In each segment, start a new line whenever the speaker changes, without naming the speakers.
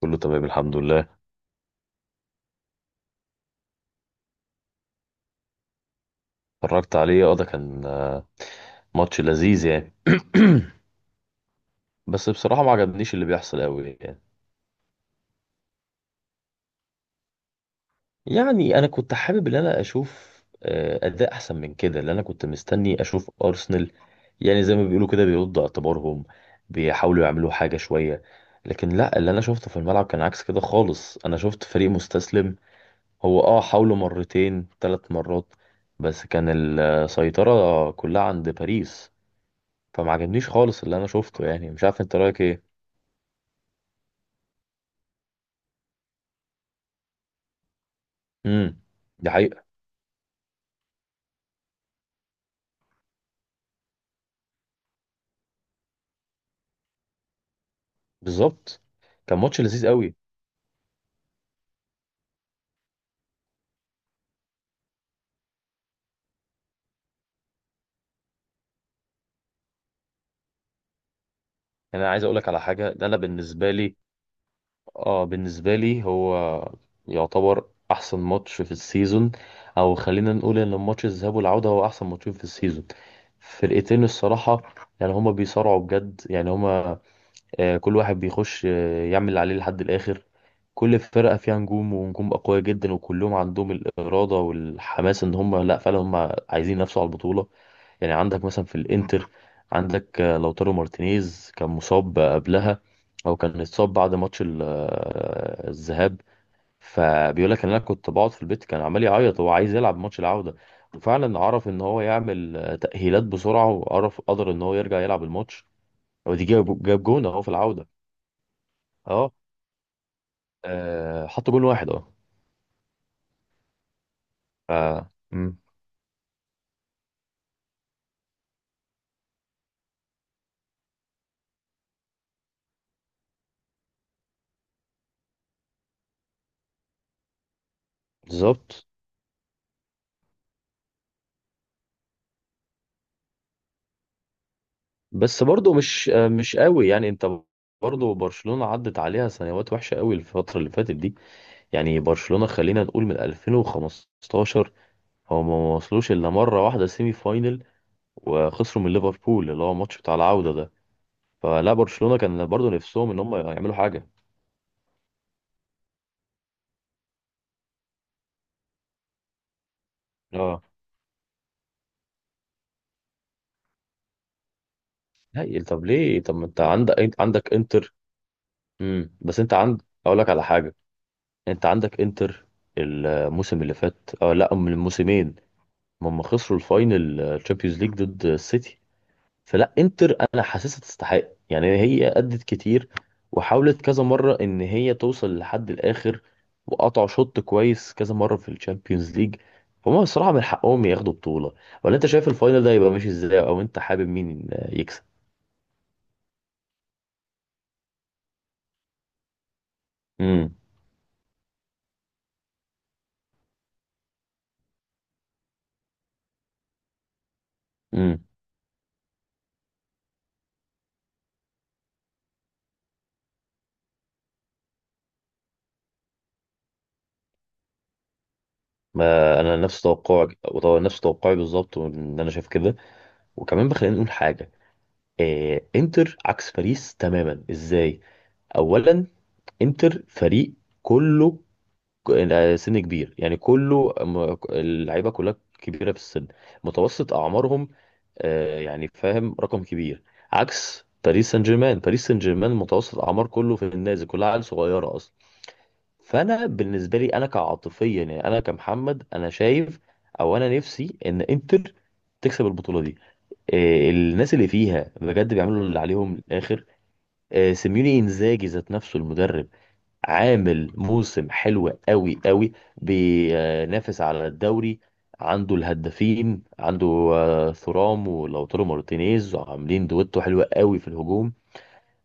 كله تمام الحمد لله. اتفرجت عليه، اه، ده كان ماتش لذيذ يعني. بس بصراحة ما عجبنيش اللي بيحصل قوي يعني. يعني انا كنت حابب ان انا اشوف اداء احسن من كده، اللي انا كنت مستني اشوف ارسنال، يعني زي ما بيقولوا كده بيردوا اعتبارهم، بيحاولوا يعملوا حاجة شوية. لكن لا، اللي انا شفته في الملعب كان عكس كده خالص، انا شفت فريق مستسلم. هو حاولوا مرتين 3 مرات، بس كان السيطرة كلها عند باريس. فما عجبنيش خالص اللي انا شفته، يعني مش عارف انت رايك ايه؟ امم، دي حقيقه. بالظبط، كان ماتش لذيذ قوي. يعني انا عايز اقول لك على حاجه، ده انا بالنسبه لي هو يعتبر احسن ماتش في السيزون، او خلينا نقول ان الماتش الذهاب والعوده هو احسن ماتشين في السيزون. فرقتين الصراحه، يعني هما بيصارعوا بجد، يعني هما آه، كل واحد بيخش يعمل اللي عليه لحد الآخر. كل فرقة فيها نجوم ونجوم أقوياء جدا، وكلهم عندهم الإرادة والحماس إن هم، لأ، فعلا هم عايزين ينافسوا على البطولة. يعني عندك مثلا في الإنتر، عندك لوتارو مارتينيز كان مصاب قبلها، أو كان اتصاب بعد ماتش الذهاب. فبيقول لك إن أنا كنت بقعد في البيت كان عمال يعيط، هو عايز يلعب ماتش العودة. وفعلا عرف إن هو يعمل تأهيلات بسرعة، وعرف قدر إن هو يرجع يلعب الماتش، ودي جاب جون أهو في العودة. اه، حطوا جون واحد، اه. ف- مم، بالظبط. بس برضه مش قوي، يعني انت، برضه برشلونة عدت عليها سنوات وحشة قوي الفترة اللي فاتت دي. يعني برشلونة خلينا نقول من 2015 هو ما وصلوش الا مرة واحدة سيمي فاينل، وخسروا من ليفربول، اللي هو الماتش بتاع العودة ده. فلا برشلونة كان برضه نفسهم ان هم يعملوا حاجة. اه، لا، طب ليه؟ طب ما انت عندك انتر. امم، بس انت اقول لك على حاجة، انت عندك انتر، الموسم اللي فات، لا، من الموسمين، هم خسروا الفاينل تشامبيونز ليج ضد السيتي. فلا انتر انا حاسسها تستحق، يعني هي ادت كتير، وحاولت كذا مره ان هي توصل لحد الاخر، وقطعوا شوط كويس كذا مره في الشامبيونز ليج. فهم بصراحه من حقهم ياخدوا بطوله. ولا انت شايف الفاينل ده يبقى ماشي ازاي، او انت حابب مين يكسب؟ امم، امم، ما انا نفس توقعك، نفس توقعي بالظبط، ان انا شايف كده. وكمان بقى خلينا نقول حاجه، انتر عكس باريس تماما. ازاي؟ اولا، انتر فريق كله سن كبير، يعني كله اللعيبه كلها كبيره في السن. متوسط اعمارهم يعني فاهم، رقم كبير. عكس باريس سان جيرمان متوسط اعمار كله في النازل، كلها عيال صغيره اصلا. فانا بالنسبه لي، انا كعاطفيا، يعني انا كمحمد، انا شايف او انا نفسي ان انتر تكسب البطوله دي. الناس اللي فيها بجد بيعملوا اللي عليهم للاخر. سيميوني انزاجي ذات نفسه المدرب عامل موسم حلو قوي قوي، بينافس على الدوري، عنده الهدافين، عنده ثورام ولوتارو مارتينيز عاملين دويتو حلوة قوي في الهجوم.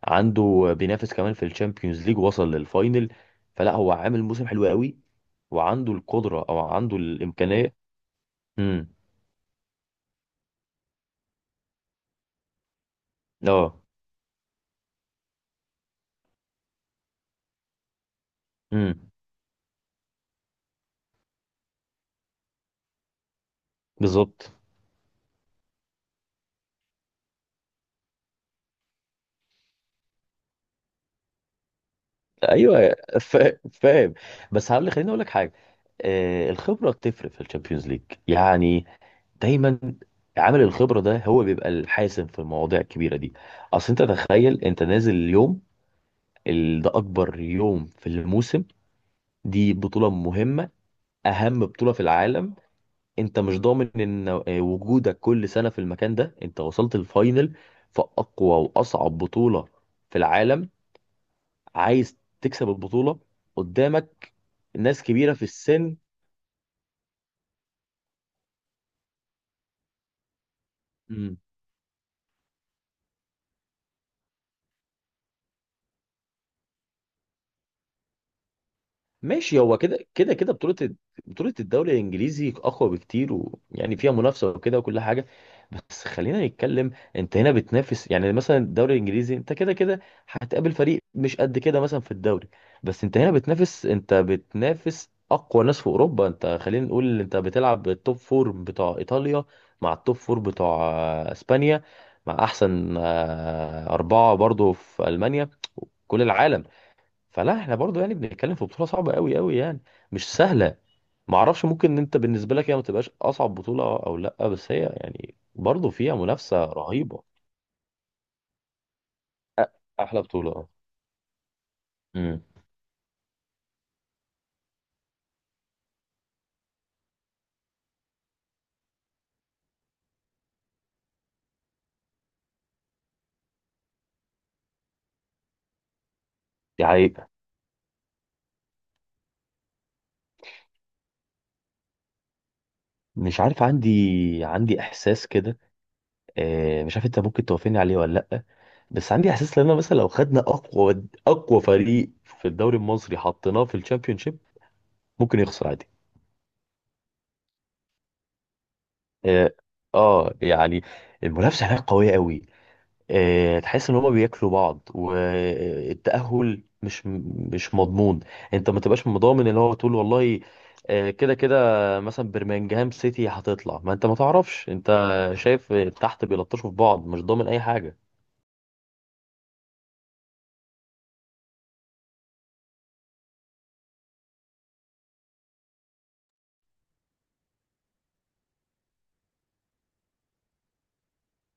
عنده بينافس كمان في الشامبيونز ليج، وصل للفاينل. فلا هو عامل موسم حلو قوي، وعنده القدرة، او عنده الامكانية. امم، اه، امم، بالظبط. ايوه، فاهم. بس هقول، خليني اقول لك حاجة، الخبرة بتفرق في الشامبيونز ليج، يعني دايما عامل الخبرة ده هو بيبقى الحاسم في المواضيع الكبيرة دي. اصل انت تخيل، انت نازل اليوم، ده اكبر يوم في الموسم، دي بطولة مهمة، اهم بطولة في العالم. انت مش ضامن ان وجودك كل سنة في المكان ده، انت وصلت الفاينل في اقوى واصعب بطولة في العالم، عايز تكسب البطولة، قدامك ناس كبيرة في السن. ماشي، هو كده كده كده بطولة. بطولة الدوري الإنجليزي أقوى بكتير، ويعني فيها منافسة وكده وكل حاجة. بس خلينا نتكلم، أنت هنا بتنافس، يعني مثلا الدوري الإنجليزي أنت كده كده هتقابل فريق مش قد كده مثلا في الدوري، بس أنت هنا بتنافس، أنت بتنافس أقوى ناس في أوروبا. أنت خلينا نقول أنت بتلعب التوب فور بتوع إيطاليا مع التوب فور بتوع إسبانيا، مع أحسن أربعة برضو في ألمانيا، كل العالم. فلا احنا برضو يعني بنتكلم في بطولة صعبة قوي قوي، يعني مش سهلة. ما اعرفش، ممكن ان انت بالنسبة لك هي ما تبقاش اصعب بطولة او لا، بس هي يعني برضو فيها منافسة رهيبة. احلى بطولة، اه. امم، دي حقيقة. مش عارف، عندي احساس كده، مش عارف انت ممكن توافقني عليه ولا لا، بس عندي احساس، لان مثلا لو خدنا اقوى اقوى فريق في الدوري المصري حطيناه في الشامبيونشيب ممكن يخسر عادي. اه، يعني المنافسة هناك قوية قوي. تحس ان هما بياكلوا بعض، والتأهل مش مضمون. انت ما تبقاش مضامن اللي هو تقول والله، كده كده مثلا برمنجهام سيتي هتطلع، ما انت ما تعرفش، انت شايف تحت بيلطشوا في بعض، مش ضامن اي حاجة.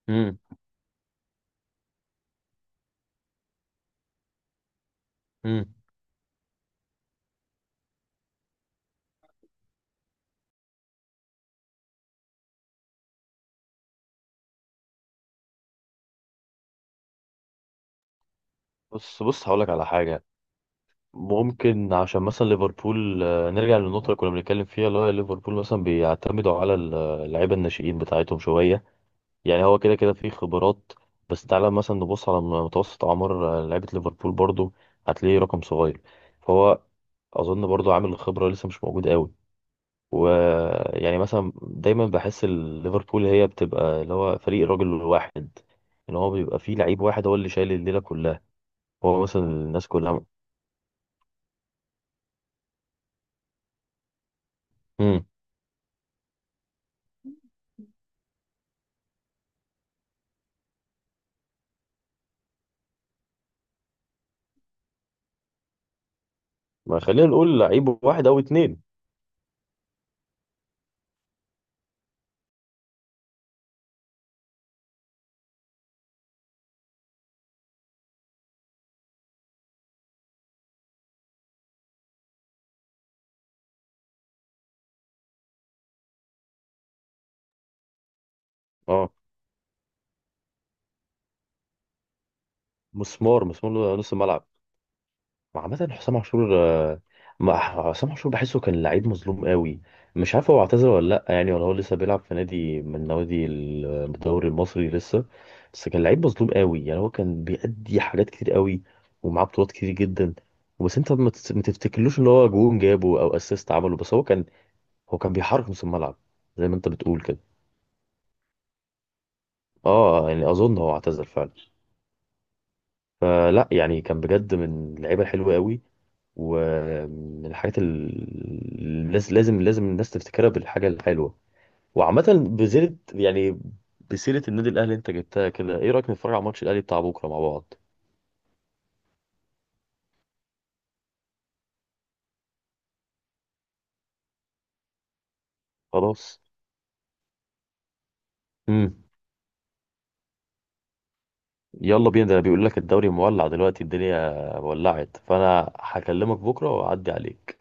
امم، امم، بص بص هقول لك على حاجة. ممكن عشان مثلا ليفربول، نرجع للنقطة اللي كنا بنتكلم فيها، اللي هو ليفربول مثلا بيعتمدوا على اللعيبة الناشئين بتاعتهم شوية، يعني هو كده كده فيه خبرات، بس تعالى مثلا نبص على متوسط اعمار لعيبه ليفربول برضو، هتلاقيه رقم صغير. فهو اظن برضو عامل الخبره لسه مش موجود قوي، ويعني مثلا دايما بحس ليفربول هي بتبقى اللي هو فريق الراجل الواحد، ان هو بيبقى فيه لعيب واحد هو اللي شايل الليله كلها. هو مثلا الناس كلها. امم. ما خلينا نقول لعيب واحد او اتنين. اه، مسمار، مسمار نص الملعب. وعامة حسام عاشور آه، ما- حسام عاشور بحسه كان لعيب مظلوم قوي. مش عارف هو اعتزل ولا لا، يعني ولا هو لسه بيلعب في نادي من نوادي الدوري المصري لسه، بس كان لعيب مظلوم قوي، يعني هو كان بيأدي حاجات كتير قوي، ومعاه بطولات كتير جدا. بس انت ما تفتكرلوش ان هو جون جابه او اسيست عمله، بس هو كان بيحرك نص الملعب، زي ما انت بتقول كده. اه يعني اظن هو اعتزل فعلا. فلا يعني كان بجد من اللعيبه الحلوه قوي، ومن الحاجات اللي لازم لازم الناس تفتكرها بالحاجة الحلوة. وعامة، بزيرة يعني بسيرة النادي الأهلي أنت جبتها كده، إيه رأيك نتفرج على ماتش الأهلي بتاع بكرة مع بعض؟ خلاص. امم. يلا بينا، ده بيقول لك الدوري مولع دلوقتي الدنيا، ولعت، فأنا هكلمك بكرة وأعدي عليك.